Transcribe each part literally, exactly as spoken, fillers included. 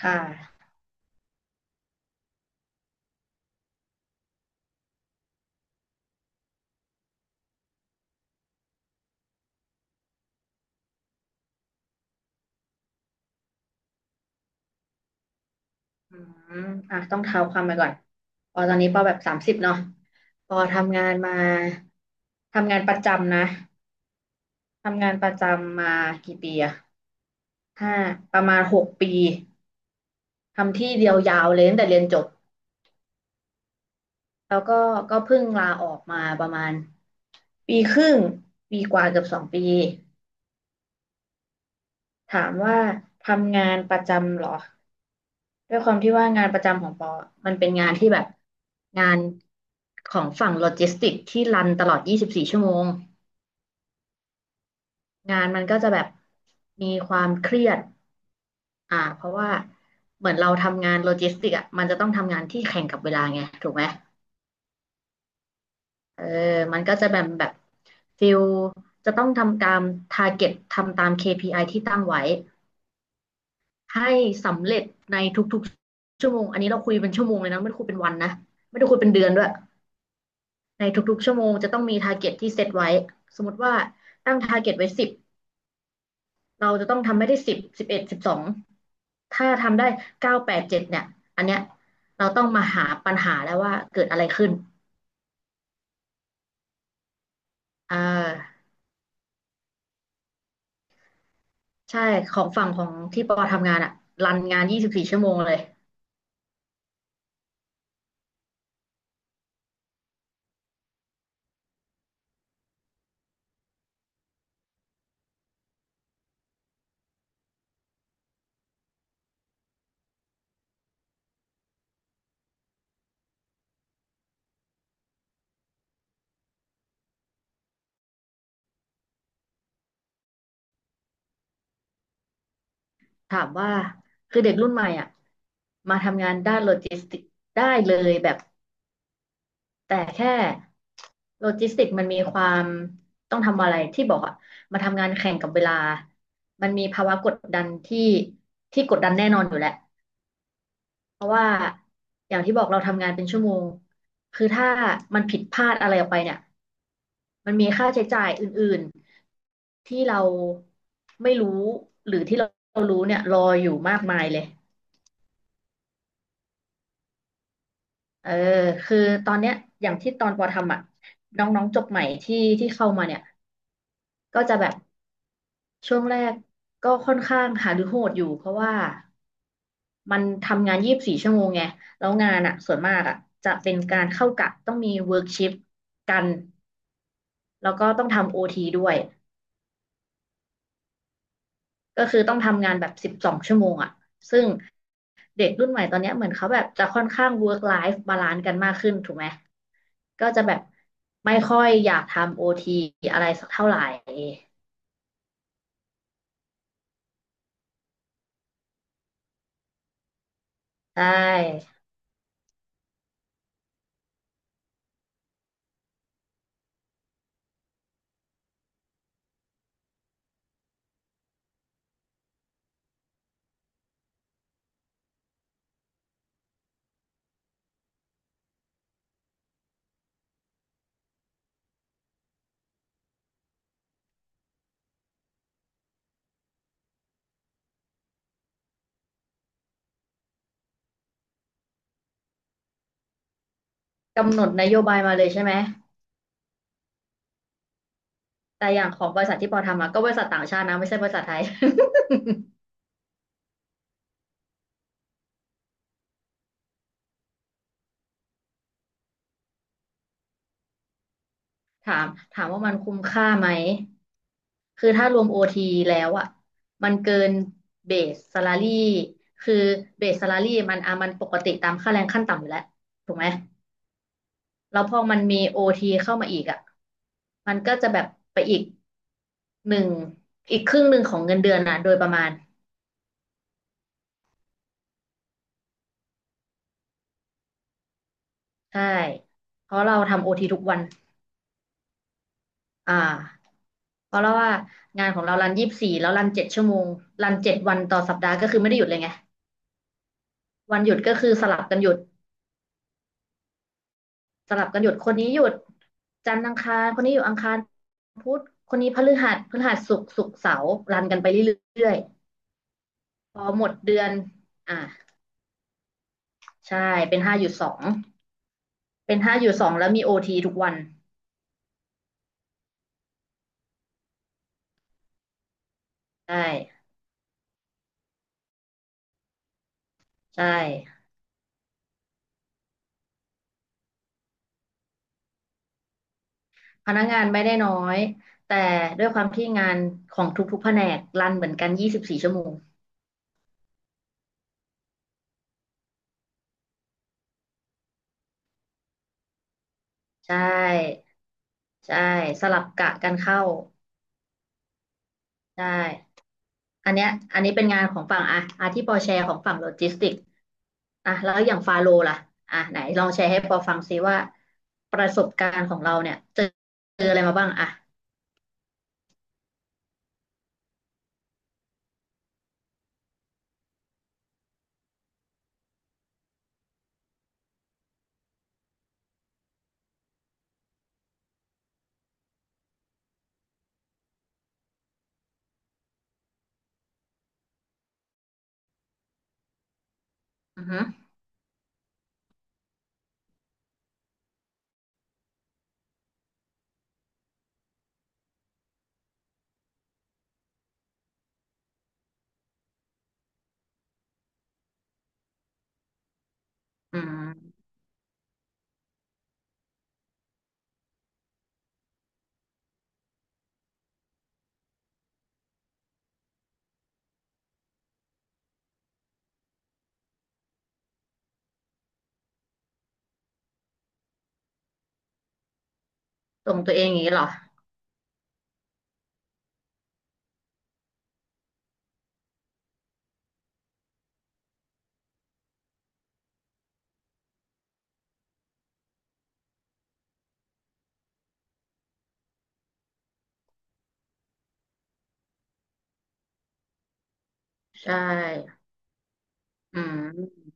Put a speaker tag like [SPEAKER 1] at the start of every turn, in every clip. [SPEAKER 1] ค่ะอืมอ่ะต้องเท้าความไปก่อน ปอตอนนี้ปอแบบสามสิบเนาะปอทำงานมา ทำงานประจำนะ ทำงานประจำมากี่ปีอะห้าประมาณหกปี ทำที่เดียวยาวเลยตั้งแต่เรียนจบ แล้วก็ก็เพิ่งลาออกมาประมาณปีครึ่ง ปีกว่าเกือบสองปี ถามว่าทำงานประจำเหรอด้วยความที่ว่างานประจำของปอมันเป็นงานที่แบบงานของฝั่งโลจิสติกส์ที่รันตลอด ยี่สิบสี่ ชั่วโมง งานมันก็จะแบบมีความเครียดอ่าเพราะว่าเหมือนเราทำงานโลจิสติกส์อ่ะมันจะต้องทำงานที่แข่งกับเวลาไง ถูกไหมเออมันก็จะแบบแบบฟิลจะต้องทำตามทาร์เก็ตทำตาม เค พี ไอ ที่ตั้งไว้ ให้สำเร็จในทุกๆชั่วโมงอันนี้เราคุยเป็นชั่วโมงเลยนะไม่ได้คุยเป็นวันนะไม่ได้คุยเป็นเดือนด้วยในทุกๆชั่วโมงจะต้องมี t า r g เก็ตที่เซตไว้สมมติว่าตั้ง t า r g เก็ตไว้สิบเราจะต้องทำให้ได้สิบสิบเอ็ดสิบสองถ้าทำได้เก้าแปดเจ็ดเนี่ยอันเนี้ยเราต้องมาหาปัญหาแล้วว่าเกิดอะไรขึ้นอ่าใช่ของฝั่งของที่ปอทำงานอะรันงานยี่สิบสี่ชั่วโมงเลยถามว่าคือเด็กรุ่นใหม่อะมาทำงานด้านโลจิสติกส์ได้เลยแบบ แต่แค่โลจิสติกมันมีความต้องทำอะไรที่บอกอะมาทำงานแข่งกับเวลามันมีภาวะกดดันที่ที่กดดันแน่นอนอยู่แหละเพราะว่าอย่างที่บอกเราทำงานเป็นชั่วโมงคือถ้ามันผิดพลาดอะไรออกไปเนี่ยมันมีค่าใช้จ่ายอื่นๆที่เราไม่รู้หรือที่เรารู้เนี่ยรออยู่มากมายเลยเออคือตอนเนี้ยอย่างที่ตอนปอทำอ่ะน้องๆจบใหม่ที่ที่เข้ามาเนี่ยก็จะแบบ ช่วงแรกก็ค่อนข้างหาหรือโหดอยู่เพราะว่ามันทำงานยี่สิบสี่ชั่วโมงไงแล้วงานอ่ะส่วนมากอ่ะจะเป็นการเข้ากะต้องมีเวิร์กชิฟกันแล้วก็ต้องทำโอทีด้วยก็คือต้องทำงานแบบสิบสองชั่วโมงอ่ะซึ่งเด็กรุ่นใหม่ตอนเนี้ยเหมือนเขาแบบจะค่อนข้างเวิร์กไลฟ์บาลานซ์กันมากขึ้นถูกไหมก็จะแบบไม่ค่อยอยากทำโอทีอะไรสักเท่าไหร่ใช่กำหนดนโยบายมาเลยใช่ไหม แต่อย่างของบริษัทที่ปอทำอะก็บริษัทต่างชาตินะไม่ใช่บริษัทไทย ถามถามว่ามันคุ้มค่าไหมคือถ้ารวมโอทีแล้วอ่ะมันเกินเบส s a l ารี่คือเบส s a l ารี่มันอ่ะมันปกติตามค่าแรงขั้นต่ำอยู่แล้วถูกไหมแล้วพอมันมีโอทีเข้ามาอีกอ่ะมันก็จะแบบไปอีกหนึ่งอีกครึ่งหนึ่งของเงินเดือนนะโดยประมาณใช่เพราะเราทำโอทีทุกวัน อ่าเพราะว่างานของเรารันยี่สิบสี่แล้วรันเจ็ดชั่วโมงรันเจ็ดวันต่อสัปดาห์ก็คือไม่ได้หยุดเลยไงวันหยุดก็คือสลับกันหยุดสลับกันหยุดคนนี้หยุดจันทร์อังคารคนนี้อยู่อังคารพุธคนนี้พฤหัสพฤหัสศุกร์ศุกร์เสาร์รันกันไปเรื่อยๆพอหมดเดือนอ่าใช่เป็นห้าหยุดสองเป็นห้าหยุดสองแล้วมีโอทีทุกวันใช่ใช่พนักงานไม่ได้น้อยแต่ด้วยความที่งานของทุกๆแผนกรันเหมือนกันยี่สิบสี่ชั่วโมง ใช่ใช่สลับกะกันเข้าใช่อันเนี้ยอันนี้เป็นงานของฝั่งอ่ะอาที่ปอแชร์ของฝั่งโลจิสติกอ่ะแล้วอย่างฟาโลล่ะอ่ะไหนลองแชร์ให้ปอฟังซิว่าประสบการณ์ของเราเนี่ยเจอเจออะไรมาบ้างอ่ะอือหอืมตรงตัวเองอย่างนี้เหรอใช่อืม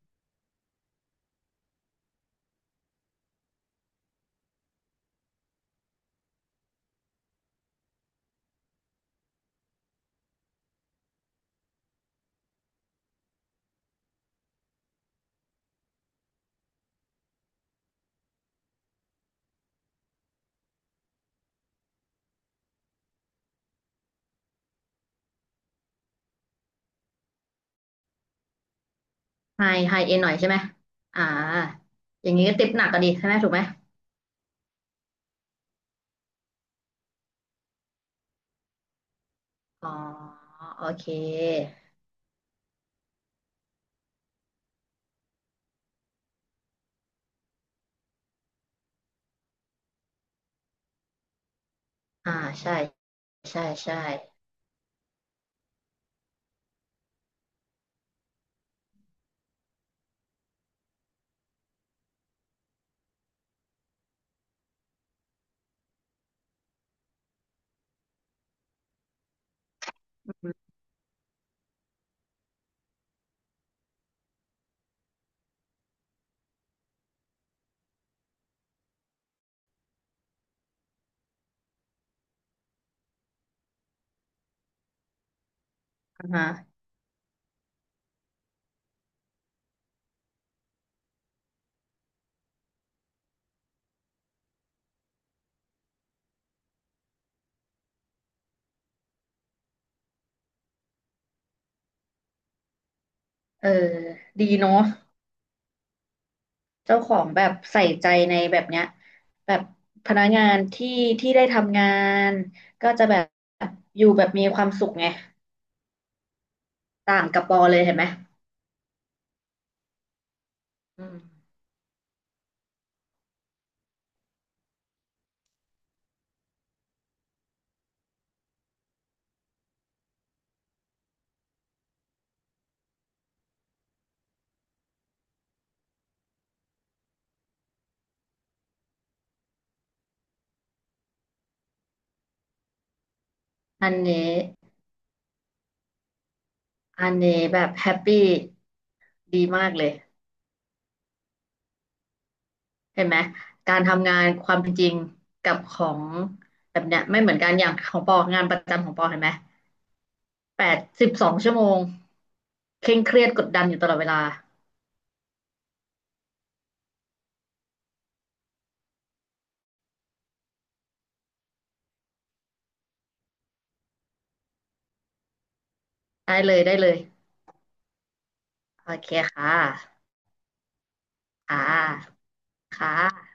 [SPEAKER 1] ไฮไฮเอ็นหน่อยใช่ไหมอ่าอย่างนี้ก็ติปหนักกันดีใช่ไหมถูกไหมอ๋อโอเคอ่าใช่ใช่ใช่อมอ่าฮะ เออดีเนาะเจ้าของแบบใส่ใจในแบบเนี้ยแบบพนักงานที่ที่ได้ทำงานก็จะแบบอยู่แบบมีความสุขไงต่างกับปอเลยเห็นไหมอืมอันนี้อันนี้แบบแฮปปี้ดีมากเลยเห็นไหมการทำงานความเป็นจริงกับของแบบเนี้ยไม่เหมือนกันอย่างของปองานประจำของปอเห็นไหมแปดสิบสองชั่วโมงเคร่งเครียดกดดันอยู่ตลอดเวลาได้เลยได้เลยโอเคค่ะ ค่ะค่ะ